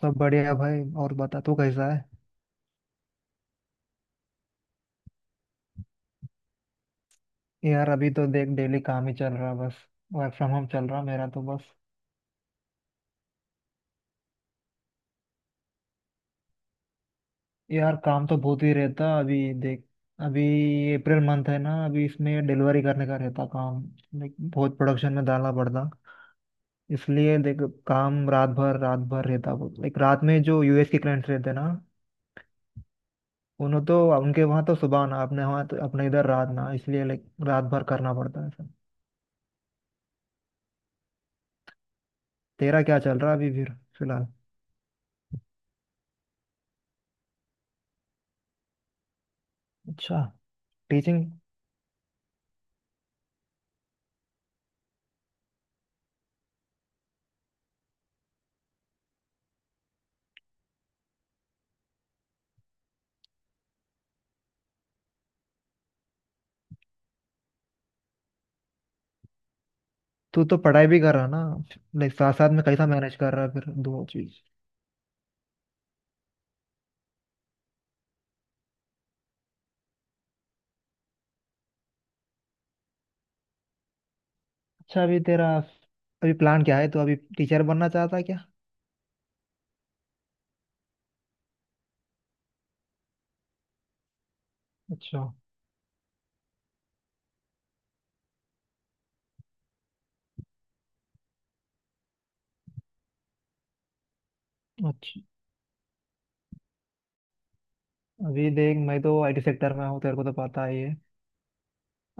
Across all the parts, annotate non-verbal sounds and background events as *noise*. सब बढ़िया भाई। और बता, तू कैसा है? यार, अभी तो देख, डेली काम ही चल रहा बस। वर्क फ्रॉम होम चल रहा मेरा तो बस। यार काम तो बहुत ही रहता, अभी देख। अभी अप्रैल मंथ है ना, अभी इसमें डिलीवरी करने का रहता काम। लाइक बहुत प्रोडक्शन में डालना पड़ता, इसलिए देख। काम रात भर रहता बहुत। लाइक रात में जो यूएस के क्लाइंट्स रहते ना, उन्हों तो उनके वहाँ तो सुबह ना, अपने वहाँ तो अपने इधर रात ना, इसलिए लाइक रात भर करना पड़ता है सब। तेरा क्या चल रहा है अभी फिर, फिलहाल? अच्छा। टीचिंग। तू तो पढ़ाई भी कर रहा है ना, लाइक साथ साथ में कैसा मैनेज कर रहा है फिर दो चीज? अच्छा, अभी तेरा अभी प्लान क्या है? तो अभी टीचर बनना चाहता है क्या? अच्छा। अच्छा, अभी देख, मैं तो आईटी सेक्टर में हूँ, तेरे को तो पता ही है।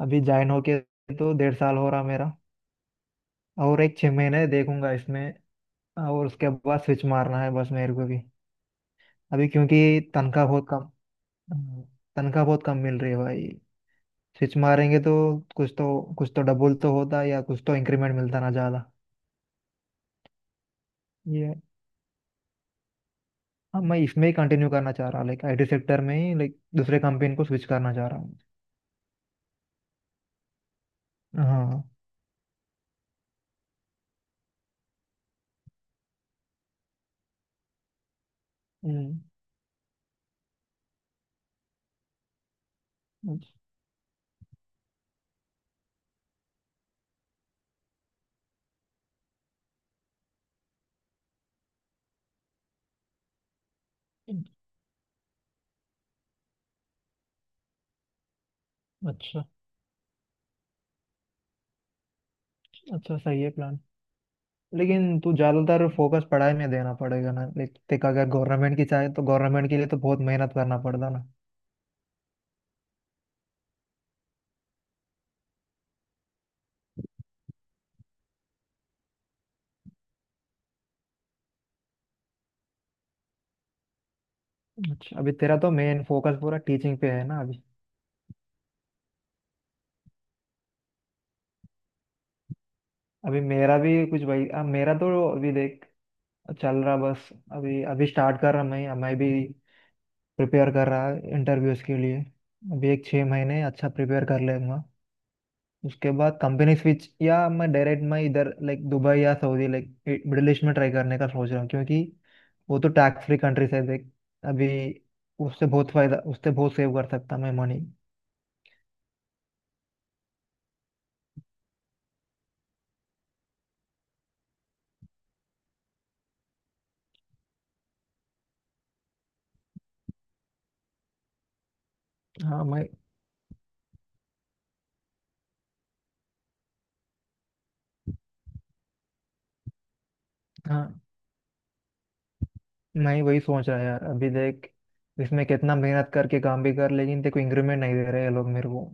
अभी ज्वाइन होके तो 1.5 साल हो रहा मेरा। और एक 6 महीने देखूंगा इसमें, और उसके बाद स्विच मारना है बस मेरे को भी। अभी क्योंकि तनख्वाह बहुत कम, हम्म, तनख्वाह बहुत कम मिल रही है भाई। स्विच मारेंगे तो कुछ तो डबल तो होता है, या कुछ तो इंक्रीमेंट मिलता ना ज्यादा। हाँ मैं इसमें ही कंटिन्यू करना चाह रहा, लाइक आईटी सेक्टर में ही, लाइक दूसरे कंपनी को स्विच करना चाह रहा हूँ। हाँ। हम्म। अच्छा। अच्छा। अच्छा, सही है प्लान। लेकिन तू ज्यादातर फोकस पढ़ाई में देना पड़ेगा ना, लाइक देख, अगर गवर्नमेंट की चाहे तो गवर्नमेंट के लिए तो बहुत मेहनत करना पड़ता ना। अच्छा, अभी तेरा तो मेन फोकस पूरा टीचिंग पे है ना अभी? अभी मेरा भी कुछ भाई, अब मेरा तो अभी देख चल रहा बस। अभी अभी स्टार्ट कर रहा मैं भी। प्रिपेयर कर रहा इंटरव्यूज के लिए। अभी एक 6 महीने अच्छा प्रिपेयर कर लेगा, उसके बाद कंपनी स्विच। या मैं डायरेक्ट मैं इधर लाइक दुबई या सऊदी, लाइक मिडिल ईस्ट में ट्राई करने का सोच रहा हूँ, क्योंकि वो तो टैक्स फ्री कंट्रीज है देख अभी। उससे बहुत फायदा, उससे बहुत सेव कर सकता मैं मनी। हाँ मैं हाँ मैं वही सोच रहा यार, अभी देख। इसमें कितना मेहनत करके काम भी कर, लेकिन देखो इंक्रीमेंट नहीं दे रहे ये लोग मेरे को।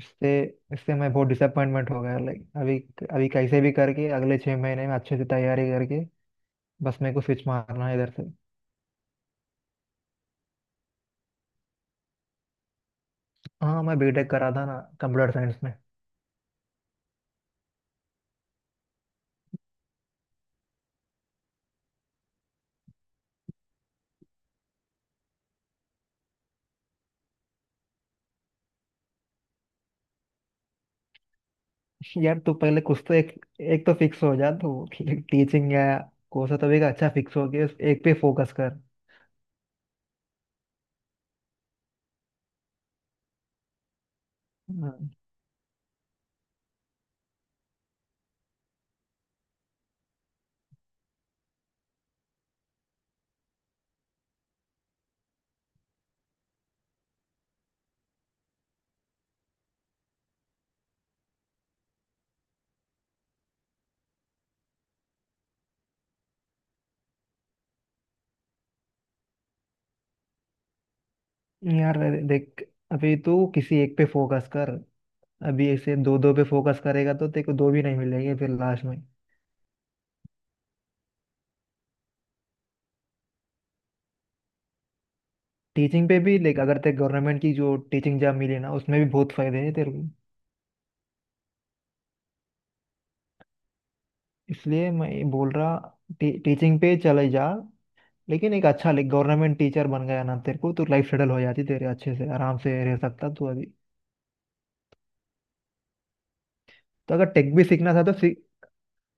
इससे इससे मैं बहुत डिसअपॉइंटमेंट हो गया लाइक अभी। अभी कैसे भी करके अगले 6 महीने में अच्छे से तैयारी करके, बस मेरे को स्विच मारना है इधर से। हाँ मैं बीटेक करा था ना, कंप्यूटर साइंस में। यार तू पहले कुछ तो एक, एक तो फिक्स हो जा। तो टीचिंग *laughs* या कोर्स है तभी का अच्छा, फिक्स हो गया एक पे फोकस कर। हाँ। यार अरे देख, अभी तू किसी एक पे फोकस कर। अभी ऐसे दो दो पे फोकस करेगा तो तेरे को दो भी नहीं मिलेंगे फिर लास्ट में। टीचिंग पे भी देख, अगर तेरे गवर्नमेंट की जो टीचिंग जॉब मिली ना, उसमें भी बहुत फायदे हैं तेरे को। इसलिए मैं ये बोल रहा, टीचिंग पे चले जा। लेकिन एक अच्छा गवर्नमेंट टीचर बन गया ना तेरे को, तो लाइफ सेटल हो जाती तेरे, अच्छे से आराम से रह सकता तू अभी। तो अगर टेक भी सीखना था तो सीख।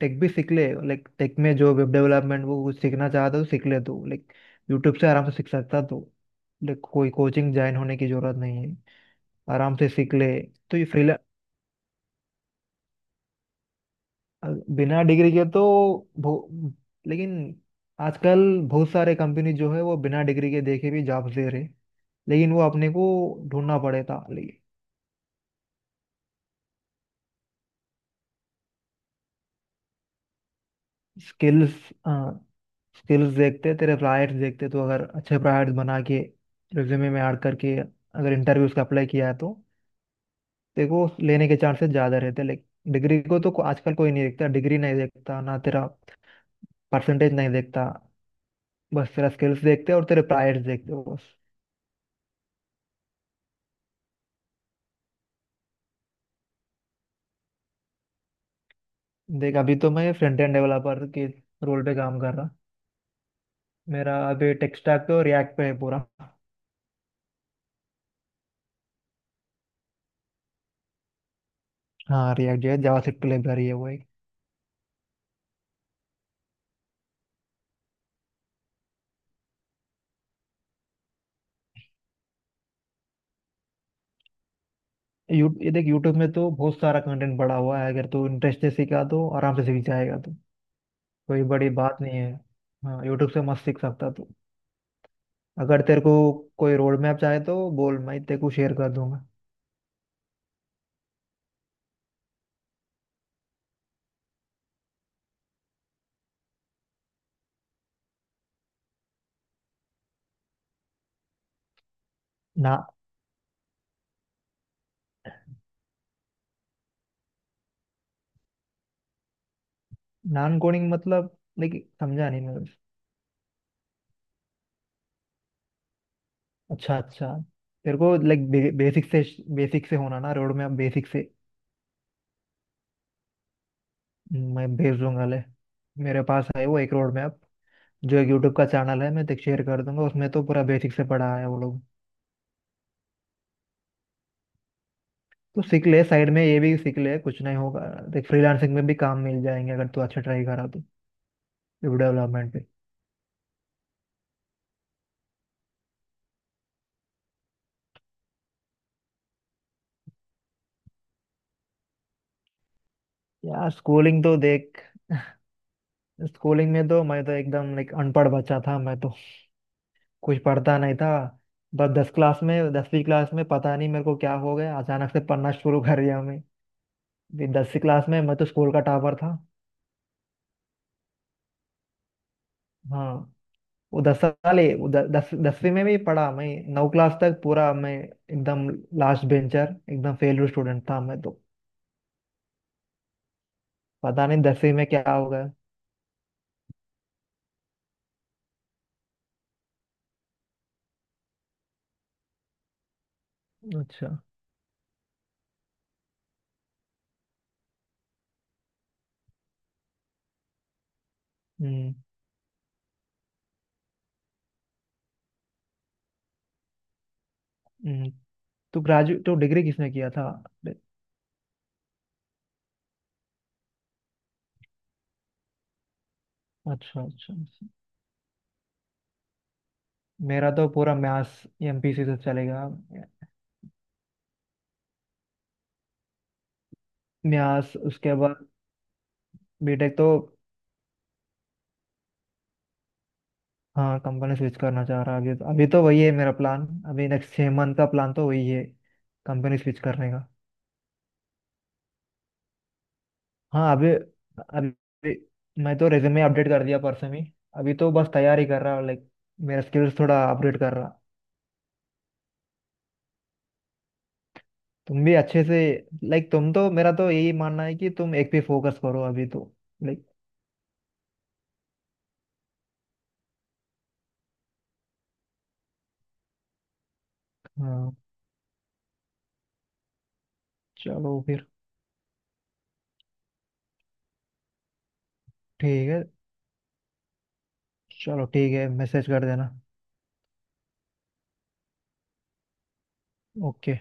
टेक भी सीख ले, लाइक टेक में जो वेब डेवलपमेंट, वो कुछ सीखना चाहता तो सीख ले तू। लाइक यूट्यूब से आराम से सीख सकता तू। लाइक कोई कोचिंग ज्वाइन होने की जरूरत नहीं है, आराम से सीख ले। तो ये फ्रीला, बिना डिग्री के तो बहु-, लेकिन आजकल बहुत सारे कंपनी जो है वो बिना डिग्री के देखे भी जॉब्स दे रहे, लेकिन वो अपने को ढूंढना पड़ेगा। स्किल्स स्किल्स देखते, तेरे प्रायर्स देखते। तो अगर अच्छे प्रायर्स बना के रिज्यूमे में ऐड करके अगर इंटरव्यूज का अप्लाई किया है तो देखो लेने के चांसेस ज़्यादा रहते हैं। लेकिन डिग्री को तो आजकल कोई नहीं देखता, डिग्री नहीं देखता ना तेरा, परसेंटेज नहीं देखता। बस तेरा स्किल्स देखते हैं और तेरे प्रायर्स देखते हो बस। देख अभी तो मैं फ्रंट एंड डेवलपर के रोल पे काम कर रहा। मेरा अभी टेक स्टैक तो रिएक्ट पे है पूरा। हाँ, रिएक्ट जो है जावास्क्रिप्ट लाइब्रेरी है वो। ये देख यूट्यूब में तो बहुत सारा कंटेंट पड़ा हुआ है, अगर तू इंटरेस्ट से सीखा तो आराम से सीख जाएगा तू, कोई बड़ी बात नहीं है। हाँ, यूट्यूब से मस्त सीख सकता तू। अगर तेरे को कोई रोड मैप चाहे तो बोल, मैं तेरे को शेयर कर दूंगा। ना, नॉन कोडिंग मतलब, लाइक, समझा नहीं मैं। अच्छा अच्छा, तेरे को लाइक बेसिक से, बेसिक से होना ना रोड मैप, बेसिक से मैं भेज दूंगा ले, मेरे पास है वो एक रोड मैप। जो एक यूट्यूब का चैनल है मैं तेरे शेयर कर दूंगा, उसमें तो पूरा बेसिक से पढ़ा है वो लोग। तो सीख ले साइड में ये भी सीख ले, कुछ नहीं होगा। देख फ्रीलांसिंग में भी काम मिल जाएंगे अगर तू अच्छा ट्राई करा तो, वेब डेवलपमेंट पे। यार स्कूलिंग तो देख, स्कूलिंग में तो मैं तो एकदम लाइक अनपढ़ बच्चा था मैं तो, कुछ पढ़ता नहीं था बस। 10 क्लास में 10वीं क्लास में पता नहीं मेरे को क्या हो गया, अचानक से पढ़ना शुरू कर दिया मैं भी। 10वीं क्लास में मैं तो स्कूल का टॉपर था। हाँ वो 10 साल ही वो 10 10वीं में भी पढ़ा मैं। 9 क्लास तक पूरा मैं एकदम लास्ट बेंचर, एकदम फेल स्टूडेंट था मैं तो, पता नहीं 10वीं में क्या होगा। अच्छा। हम्म। हम्म तो ग्रेजुएट तो डिग्री किसने किया था? अच्छा अच्छा। अच्छा। मेरा तो पूरा म्यास एमपीसी से चलेगा। म्यास उसके बाद बीटेक तो। हाँ कंपनी स्विच करना चाह रहा है अभी तो, अभी तो वही है मेरा प्लान। अभी नेक्स्ट 6 मंथ का प्लान तो वही है, कंपनी स्विच करने का। हाँ, अभी अभी मैं तो रेज्यूमे अपडेट कर दिया परसों ही। अभी तो बस तैयारी कर रहा हूँ, लाइक मेरा स्किल्स थोड़ा अपडेट कर रहा। तुम भी अच्छे से लाइक, तुम तो, मेरा तो यही मानना है कि तुम एक पे फोकस करो अभी तो, लाइक। हाँ। चलो फिर ठीक है, चलो ठीक है, मैसेज कर देना। ओके।